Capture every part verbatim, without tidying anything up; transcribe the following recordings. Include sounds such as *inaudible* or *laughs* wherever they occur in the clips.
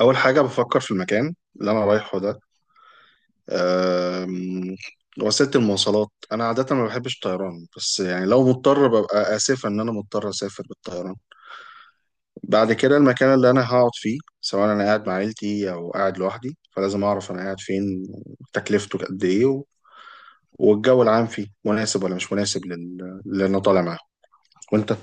أول حاجة بفكر في المكان اللي أنا رايحه ده. أم، وسيلة المواصلات، أنا عادة ما بحبش الطيران، بس يعني لو مضطر ببقى آسف إن أنا مضطر أسافر بالطيران. بعد كده المكان اللي أنا هقعد فيه، سواء أنا قاعد مع عيلتي أو قاعد لوحدي، فلازم أعرف أنا قاعد فين، تكلفته قد إيه، و- والجو العام فيه مناسب ولا مش مناسب لل- للي أنا طالع معاه. وأنت؟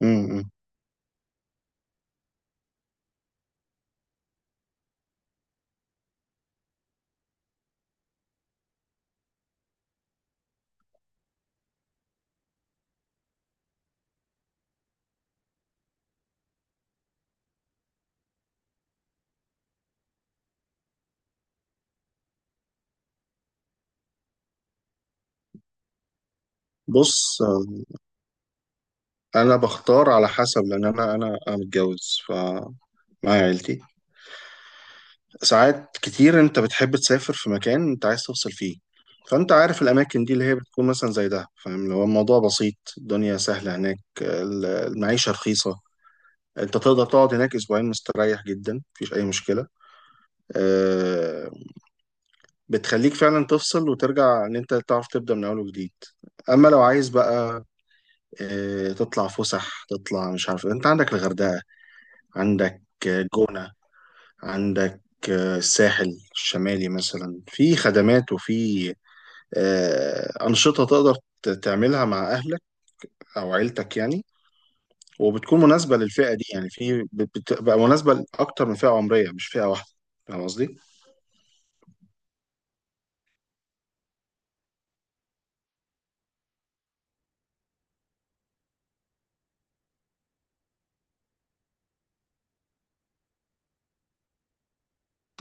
م- م. بص، أنا بختار على حسب، لأن أنا أنا أنا متجوز فمعايا عيلتي. ساعات كتير انت بتحب تسافر في مكان انت عايز توصل فيه، فانت عارف الاماكن دي اللي هي بتكون مثلا زي ده. فاهم، اللي هو الموضوع بسيط، الدنيا سهلة هناك، ال- المعيشة رخيصة، انت تقدر تقعد هناك اسبوعين مستريح جدا، مفيش اي مشكلة. آه، بتخليك فعلا تفصل وترجع ان انت تعرف تبدأ من اول وجديد. اما لو عايز بقى آه، تطلع فسح، تطلع مش عارف، انت عندك الغردقة، عندك آه، جونة، عندك آه، الساحل الشمالي مثلا، في خدمات وفي آه، أنشطة تقدر ت- تعملها مع أهلك أو عيلتك يعني، وبتكون مناسبة للفئة دي، يعني في بت- بتبقى مناسبة لأكتر من فئة عمرية، مش فئة واحدة. فاهم قصدي؟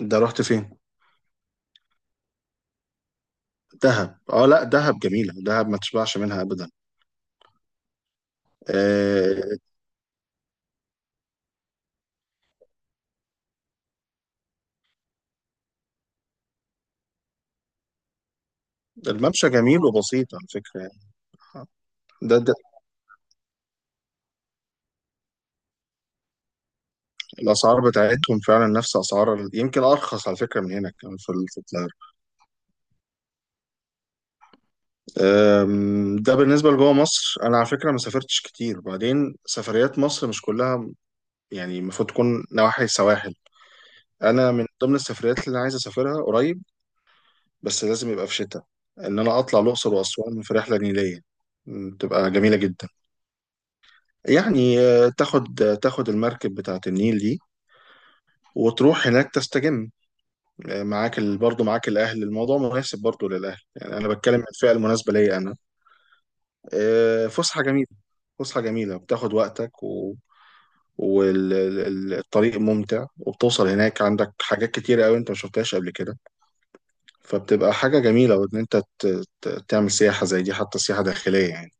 ده رحت فين؟ دهب، اه، لا، دهب جميلة، دهب ما تشبعش منها أبدا. آه، الممشى جميل وبسيط على فكرة يعني. ده, ده الأسعار بتاعتهم فعلا نفس أسعار ال- يمكن أرخص على فكرة من هنا كمان في ال- في القاهرة. آم، ده بالنسبة لجوه مصر، أنا على فكرة ما سافرتش كتير، وبعدين سفريات مصر مش كلها يعني، المفروض تكون نواحي السواحل. انا من ضمن السفريات اللي عايز اسافرها قريب، بس لازم يبقى في شتاء، ان انا اطلع الاقصر واسوان في رحله نيليه. م، تبقى جميله جدا. يعني آه، تاخد آه، تاخد المركب بتاعه النيل دي وتروح هناك تستجم. آه، معاك ال... برضه معاك الاهل، الموضوع مناسب برضه للاهل. يعني انا بتكلم عن الفئه المناسبه ليا انا. آه، فسحه جميله. فسحه جميله بتاخد وقتك و... والطريق ممتع، وبتوصل هناك عندك حاجات كتيرة أوي أنت ما شفتهاش قبل كده، فبتبقى حاجة جميلة، وإن أنت ت- ت- تعمل سياحة زي دي، حتى سياحة داخلية يعني.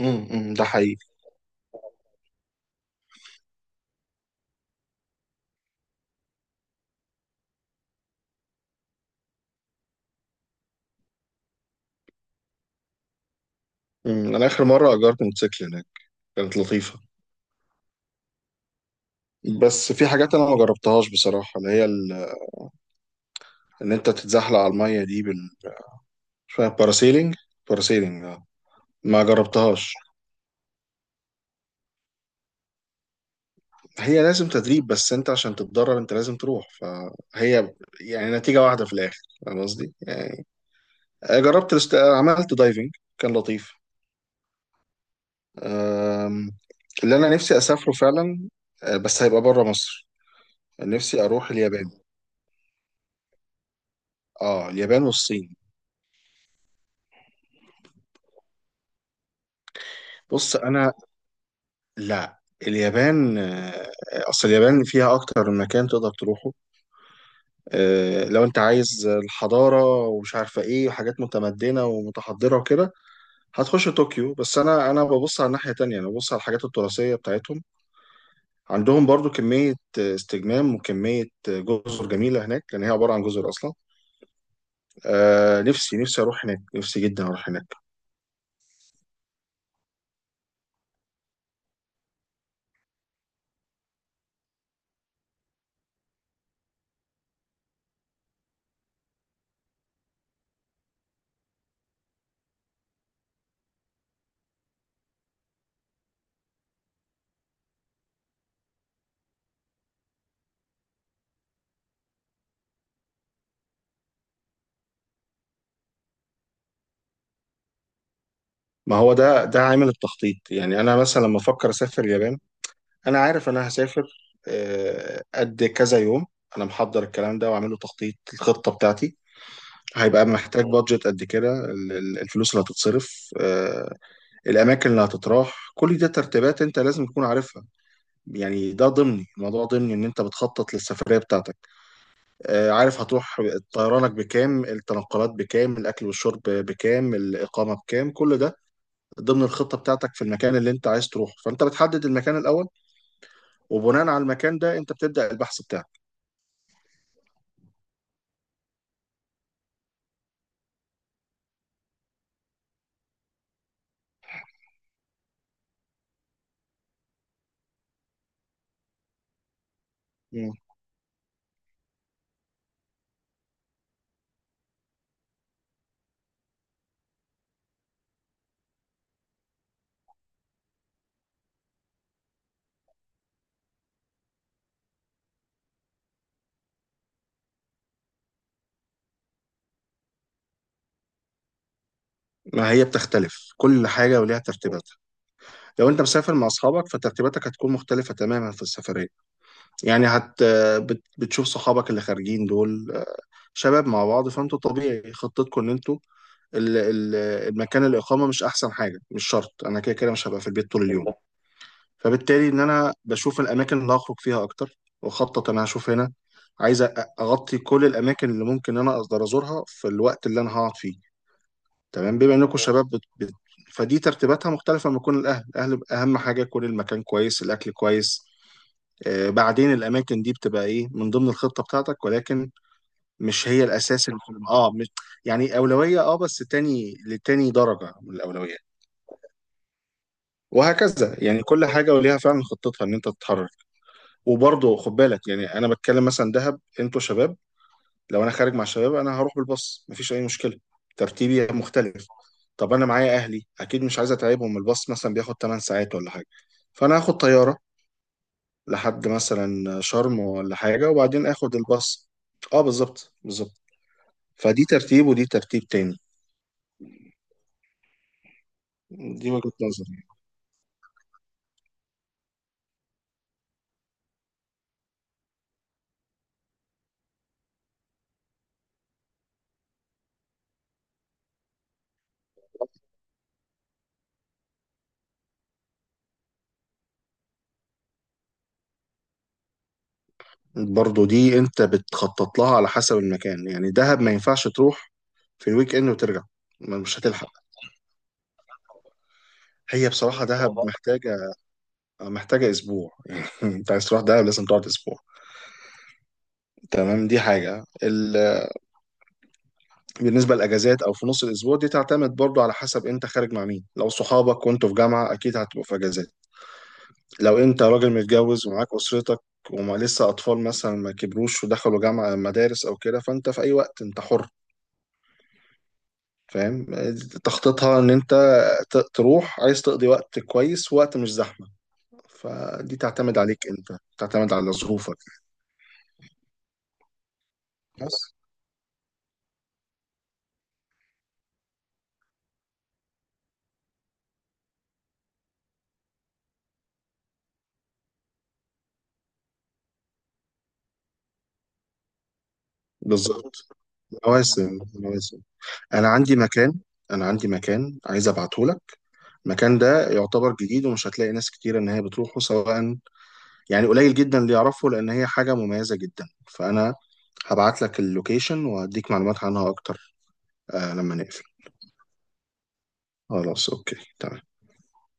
امم أمم، ده حقيقي. أمم، أنا آخر مرة أجرت موتوسيكل هناك، كانت لطيفة. بس في حاجات أنا ما جربتهاش بصراحة، اللي هي ال- إن أنت تتزحلق على المية دي بال شوية باراسيلينج. باراسيلينج، آه. ما جربتهاش. هي لازم تدريب، بس أنت عشان تتدرب أنت لازم تروح، فهي يعني نتيجة واحدة في الآخر. فاهم قصدي؟ يعني آه، جربت الاست... عملت دايفنج، كان لطيف. أم، اللي انا نفسي اسافره فعلا أه، بس هيبقى بره مصر. نفسي اروح اليابان. اه اليابان والصين. بص انا، لا، اليابان. آه، اصل اليابان فيها اكتر من مكان تقدر تروحه. آه، لو انت عايز الحضاره ومش عارفه ايه وحاجات متمدنه ومتحضره وكده هتخش طوكيو، بس انا انا ببص على الناحيه تانية، انا ببص على الحاجات التراثيه بتاعتهم، عندهم برضو كميه استجمام وكميه جزر جميله هناك لان هي عباره عن جزر اصلا. آه نفسي نفسي اروح هناك، نفسي جدا اروح هناك. ما هو ده ده عامل التخطيط. يعني انا مثلا لما افكر اسافر اليابان، انا عارف انا هسافر آه قد كذا يوم. انا محضر الكلام ده وعامله تخطيط الخطه بتاعتي. هيبقى محتاج بادجت قد كده، ال- ال- الفلوس اللي هتتصرف، آه الاماكن اللي هتتراح، كل دي ترتيبات انت لازم تكون عارفها، يعني ده ضمني، الموضوع ضمني ان انت بتخطط للسفريه بتاعتك. آه، عارف هتروح. طيرانك بكام، التنقلات بكام، الأكل والشرب بكام، الإقامة بكام، كل ده ضمن الخطة بتاعتك في المكان اللي أنت عايز تروحه، فأنت بتحدد المكان الأول، وبناء على المكان ده أنت بتبدأ البحث بتاعك. مم. ما هي بتختلف، كل حاجة وليها ترتيباتها. لو أنت مسافر مع أصحابك فترتيباتك هتكون مختلفة تماما في السفرية. يعني هت آه، بت- بتشوف صحابك اللي خارجين دول آه، شباب مع بعض، فأنتوا طبيعي خطتكم إن أنتوا ال- ال- المكان، الإقامة مش أحسن حاجة، مش شرط، أنا كده كده مش هبقى في البيت طول اليوم، فبالتالي ان انا بشوف الاماكن اللي هخرج فيها اكتر واخطط، انا هشوف هنا عايز أ- اغطي كل الاماكن اللي ممكن ان انا اقدر ازورها في الوقت اللي انا هقعد فيه. تمام، بما انكم تمام شباب بت... بت... فدي ترتيباتها مختلفه. لما يكون الاهل الاهل بيبقى اهم حاجه يكون المكان كويس، الاكل كويس، آه بعدين الاماكن دي بتبقى ايه من ضمن الخطه بتاعتك، ولكن مش هي الاساس اللي في الم- اه مش، يعني اولويه، اه بس تاني لتاني درجه من الاولويات. وهكذا يعني كل حاجه وليها فعلا خطتها ان انت تتحرك. وبرضه خد بالك، يعني انا بتكلم مثلا دهب انتوا شباب، لو انا خارج مع شباب انا هروح بالباص، مفيش اي مشكله، ترتيبي مختلف. طب انا معايا اهلي، اكيد مش عايز اتعبهم، الباص مثلا بياخد ثماني ساعات ولا حاجه، فانا هاخد طياره لحد مثلا شرم ولا حاجه، وبعدين اخد الباص. اه بالظبط بالظبط. فدي ترتيب ودي ترتيب تاني. دي وجهة نظري. برضه دي انت بتخطط لها على حسب المكان، يعني دهب ما ينفعش تروح في الويك اند وترجع، ما- مش هتلحق. هي بصراحة دهب محتاجة، آه، محتاجة أسبوع *laughs* أنت عايز تروح دهب لازم تقعد أسبوع. تمام، دي حاجة ال... بالنسبة للأجازات أو في نص الأسبوع، دي تعتمد برضو على حسب أنت خارج مع مين. لو صحابك وأنتوا في جامعة أكيد هتبقوا في أجازات. لو أنت راجل متجوز ومعاك أسرتك وما لسه أطفال مثلا ما كبروش ودخلوا جامعة مدارس أو كده، فأنت في أي وقت أنت حر. فاهم، تخطيطها إن أنت ت... تروح عايز تقضي وقت كويس، وقت مش زحمة، فدي تعتمد عليك أنت، تعتمد على ظروفك. بس، بالظبط، مواسم مواسم. انا عندي مكان انا عندي مكان عايز ابعته لك. المكان ده يعتبر جديد ومش هتلاقي ناس كتير ان هي بتروحه سواء، يعني قليل جدا اللي يعرفه لان هي حاجه مميزه جدا، فانا هبعت لك اللوكيشن وهديك معلومات عنها اكتر آه لما نقفل. خلاص، اوكي، تمام.